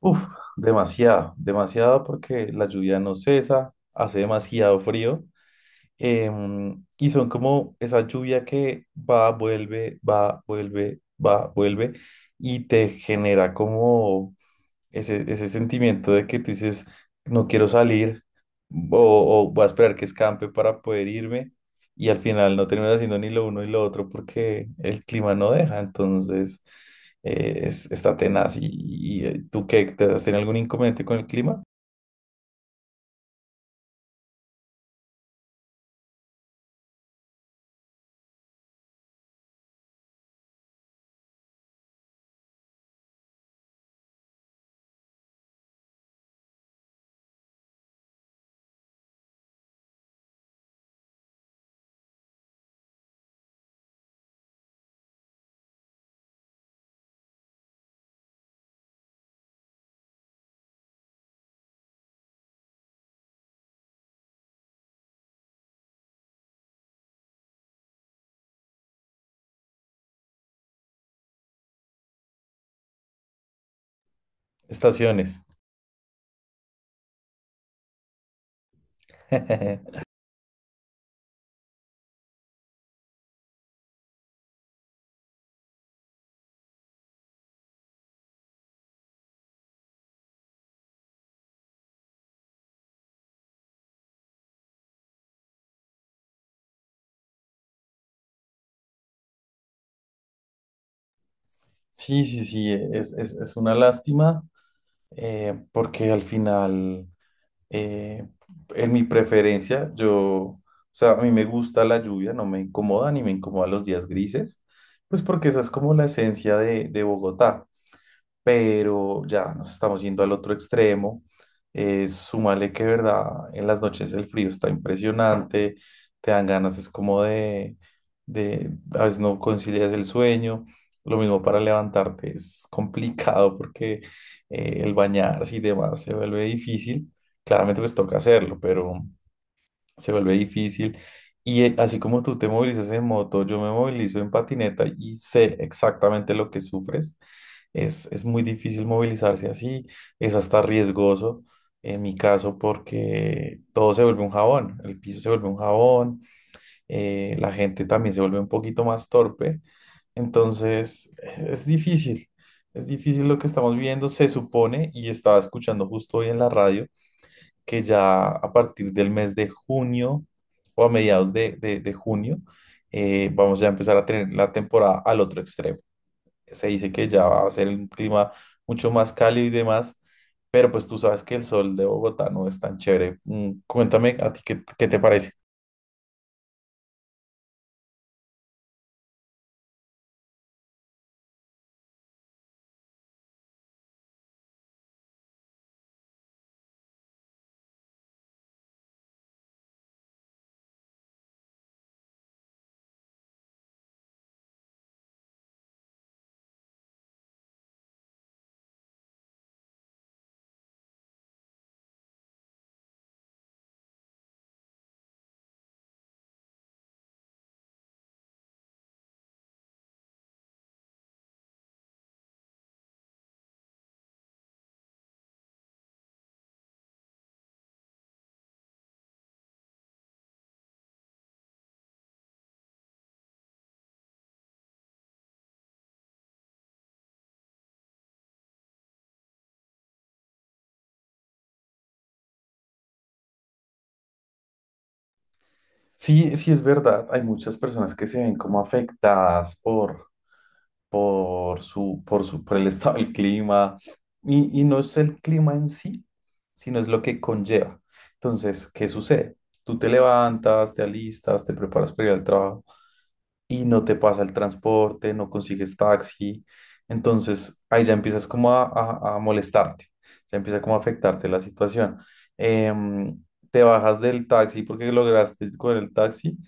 Uf, demasiado, demasiado porque la lluvia no cesa, hace demasiado frío, y son como esa lluvia que va, vuelve, va, vuelve, va, vuelve y te genera como ese sentimiento de que tú dices, no quiero salir o, o voy a esperar que escampe para poder irme y al final no terminas haciendo ni lo uno y lo otro porque el clima no deja. Entonces está tenaz. ¿Y tú qué? ¿Te has tenido algún inconveniente con el clima? Estaciones. Sí, es una lástima, porque al final... Eh, en mi preferencia, o sea, a mí me gusta la lluvia, no me incomoda ni me incomoda los días grises, pues porque esa es como la esencia de Bogotá, pero ya nos estamos yendo al otro extremo. Súmale que, verdad, en las noches el frío está impresionante, te dan ganas, es como de a veces no concilias el sueño, lo mismo para levantarte es complicado porque, el bañarse y demás se vuelve difícil, claramente pues toca hacerlo, pero se vuelve difícil. Y, así como tú te movilizas en moto, yo me movilizo en patineta y sé exactamente lo que sufres. Es muy difícil movilizarse así, es hasta riesgoso en mi caso porque todo se vuelve un jabón, el piso se vuelve un jabón, la gente también se vuelve un poquito más torpe, entonces es difícil, es difícil lo que estamos viviendo, se supone, y estaba escuchando justo hoy en la radio, que ya a partir del mes de junio o a mediados de junio, vamos ya a empezar a tener la temporada al otro extremo. Se dice que ya va a ser un clima mucho más cálido y demás, pero pues tú sabes que el sol de Bogotá no es tan chévere. Mm, cuéntame a ti qué, qué te parece. Sí, sí es verdad, hay muchas personas que se ven como afectadas por, por su, por el estado del clima y no es el clima en sí, sino es lo que conlleva. Entonces, ¿qué sucede? Tú te levantas, te alistas, te preparas para ir al trabajo y no te pasa el transporte, no consigues taxi. Entonces ahí ya empiezas como a molestarte, ya empieza como a afectarte la situación. Em, Te bajas del taxi porque lograste con el taxi,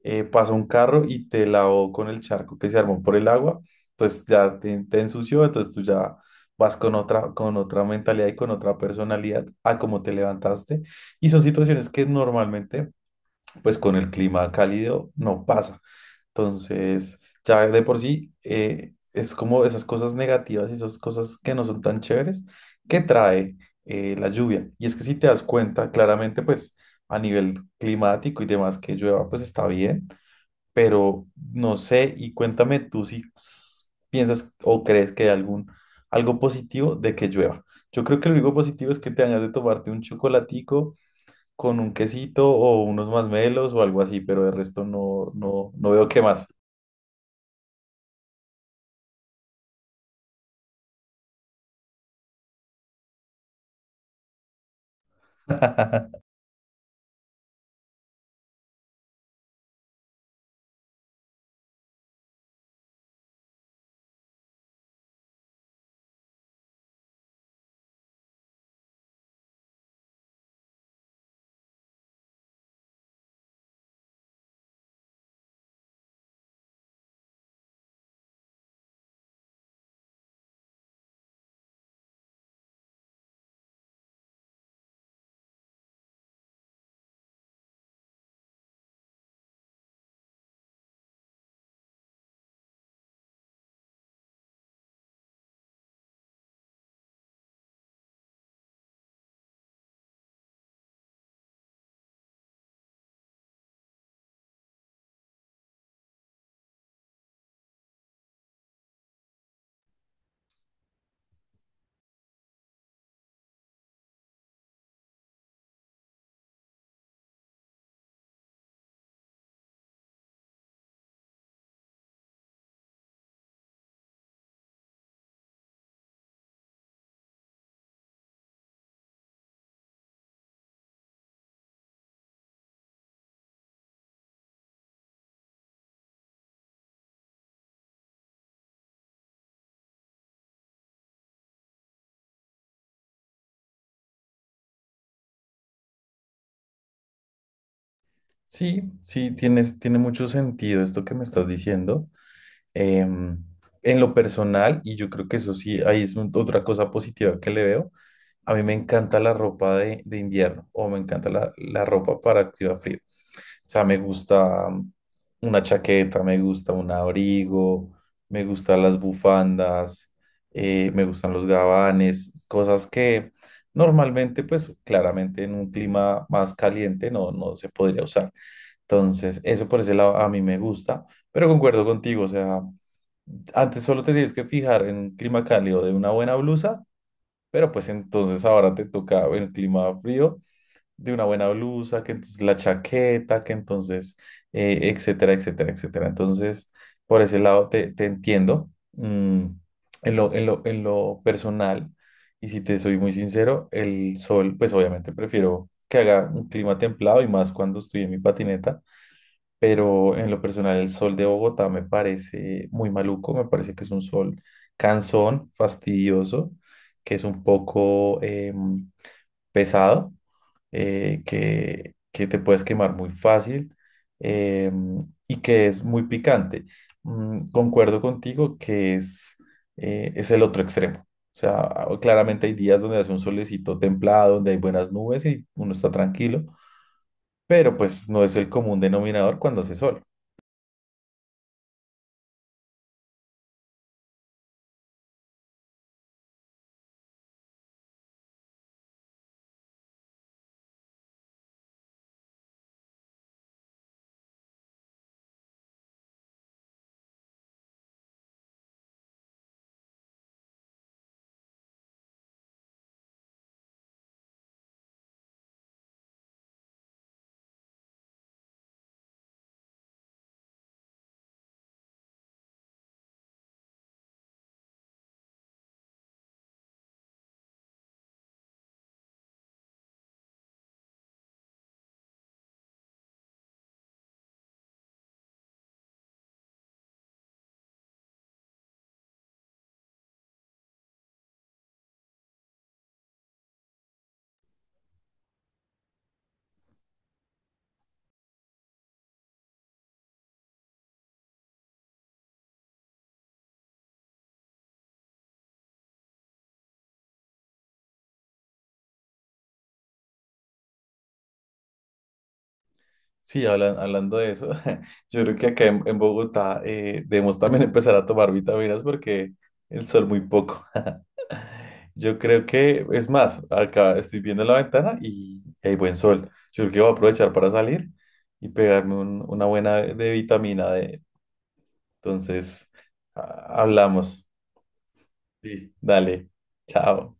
pasa un carro y te lavó con el charco que se armó por el agua, entonces ya te ensució, entonces tú ya vas con otra mentalidad y con otra personalidad a cómo te levantaste. Y son situaciones que normalmente, pues con el clima cálido no pasa. Entonces, ya de por sí, es como esas cosas negativas y esas cosas que no son tan chéveres que trae, la lluvia. Y es que si te das cuenta, claramente, pues a nivel climático y demás, que llueva, pues está bien, pero no sé, y cuéntame tú si piensas o crees que hay algún, algo positivo de que llueva. Yo creo que lo único positivo es que te hagas de tomarte un chocolatico con un quesito o unos masmelos o algo así, pero de resto no, no, no veo qué más. Sí, sí, tienes, tiene mucho sentido esto que me estás diciendo. Em, en lo personal, y yo creo que eso sí, ahí es otra cosa positiva que le veo, a mí me encanta la ropa de invierno o me encanta la ropa para activar frío. O sea, me gusta mm, una chaqueta, me gusta un abrigo, me gustan las bufandas, me gustan los gabanes, cosas que normalmente, pues claramente en un clima más caliente no, no se podría usar. Entonces, eso por ese lado a mí me gusta, pero concuerdo contigo, o sea... Antes solo te tienes que fijar en un clima cálido de una buena blusa, pero pues entonces ahora te toca en clima frío de una buena blusa, que entonces la chaqueta, que entonces, etcétera, etcétera, etcétera. Entonces, por ese lado te entiendo. Mm, en lo personal, y si te soy muy sincero, el sol, pues obviamente prefiero que haga un clima templado y más cuando estoy en mi patineta, pero en lo personal el sol de Bogotá me parece muy maluco, me parece que es un sol cansón, fastidioso, que es un poco pesado, que te puedes quemar muy fácil em, y que es muy picante. Mm, concuerdo contigo que es el otro extremo. O sea, claramente hay días donde hace un solecito templado, donde hay buenas nubes y uno está tranquilo, pero pues no es el común denominador cuando hace sol. Sí, hablando de eso, yo creo que acá en Bogotá, debemos también empezar a tomar vitaminas porque el sol muy poco. Yo creo que, es más, acá estoy viendo la ventana y hay buen sol. Yo creo que voy a aprovechar para salir y pegarme una buena de vitamina D. Entonces, hablamos. Sí. Dale, chao.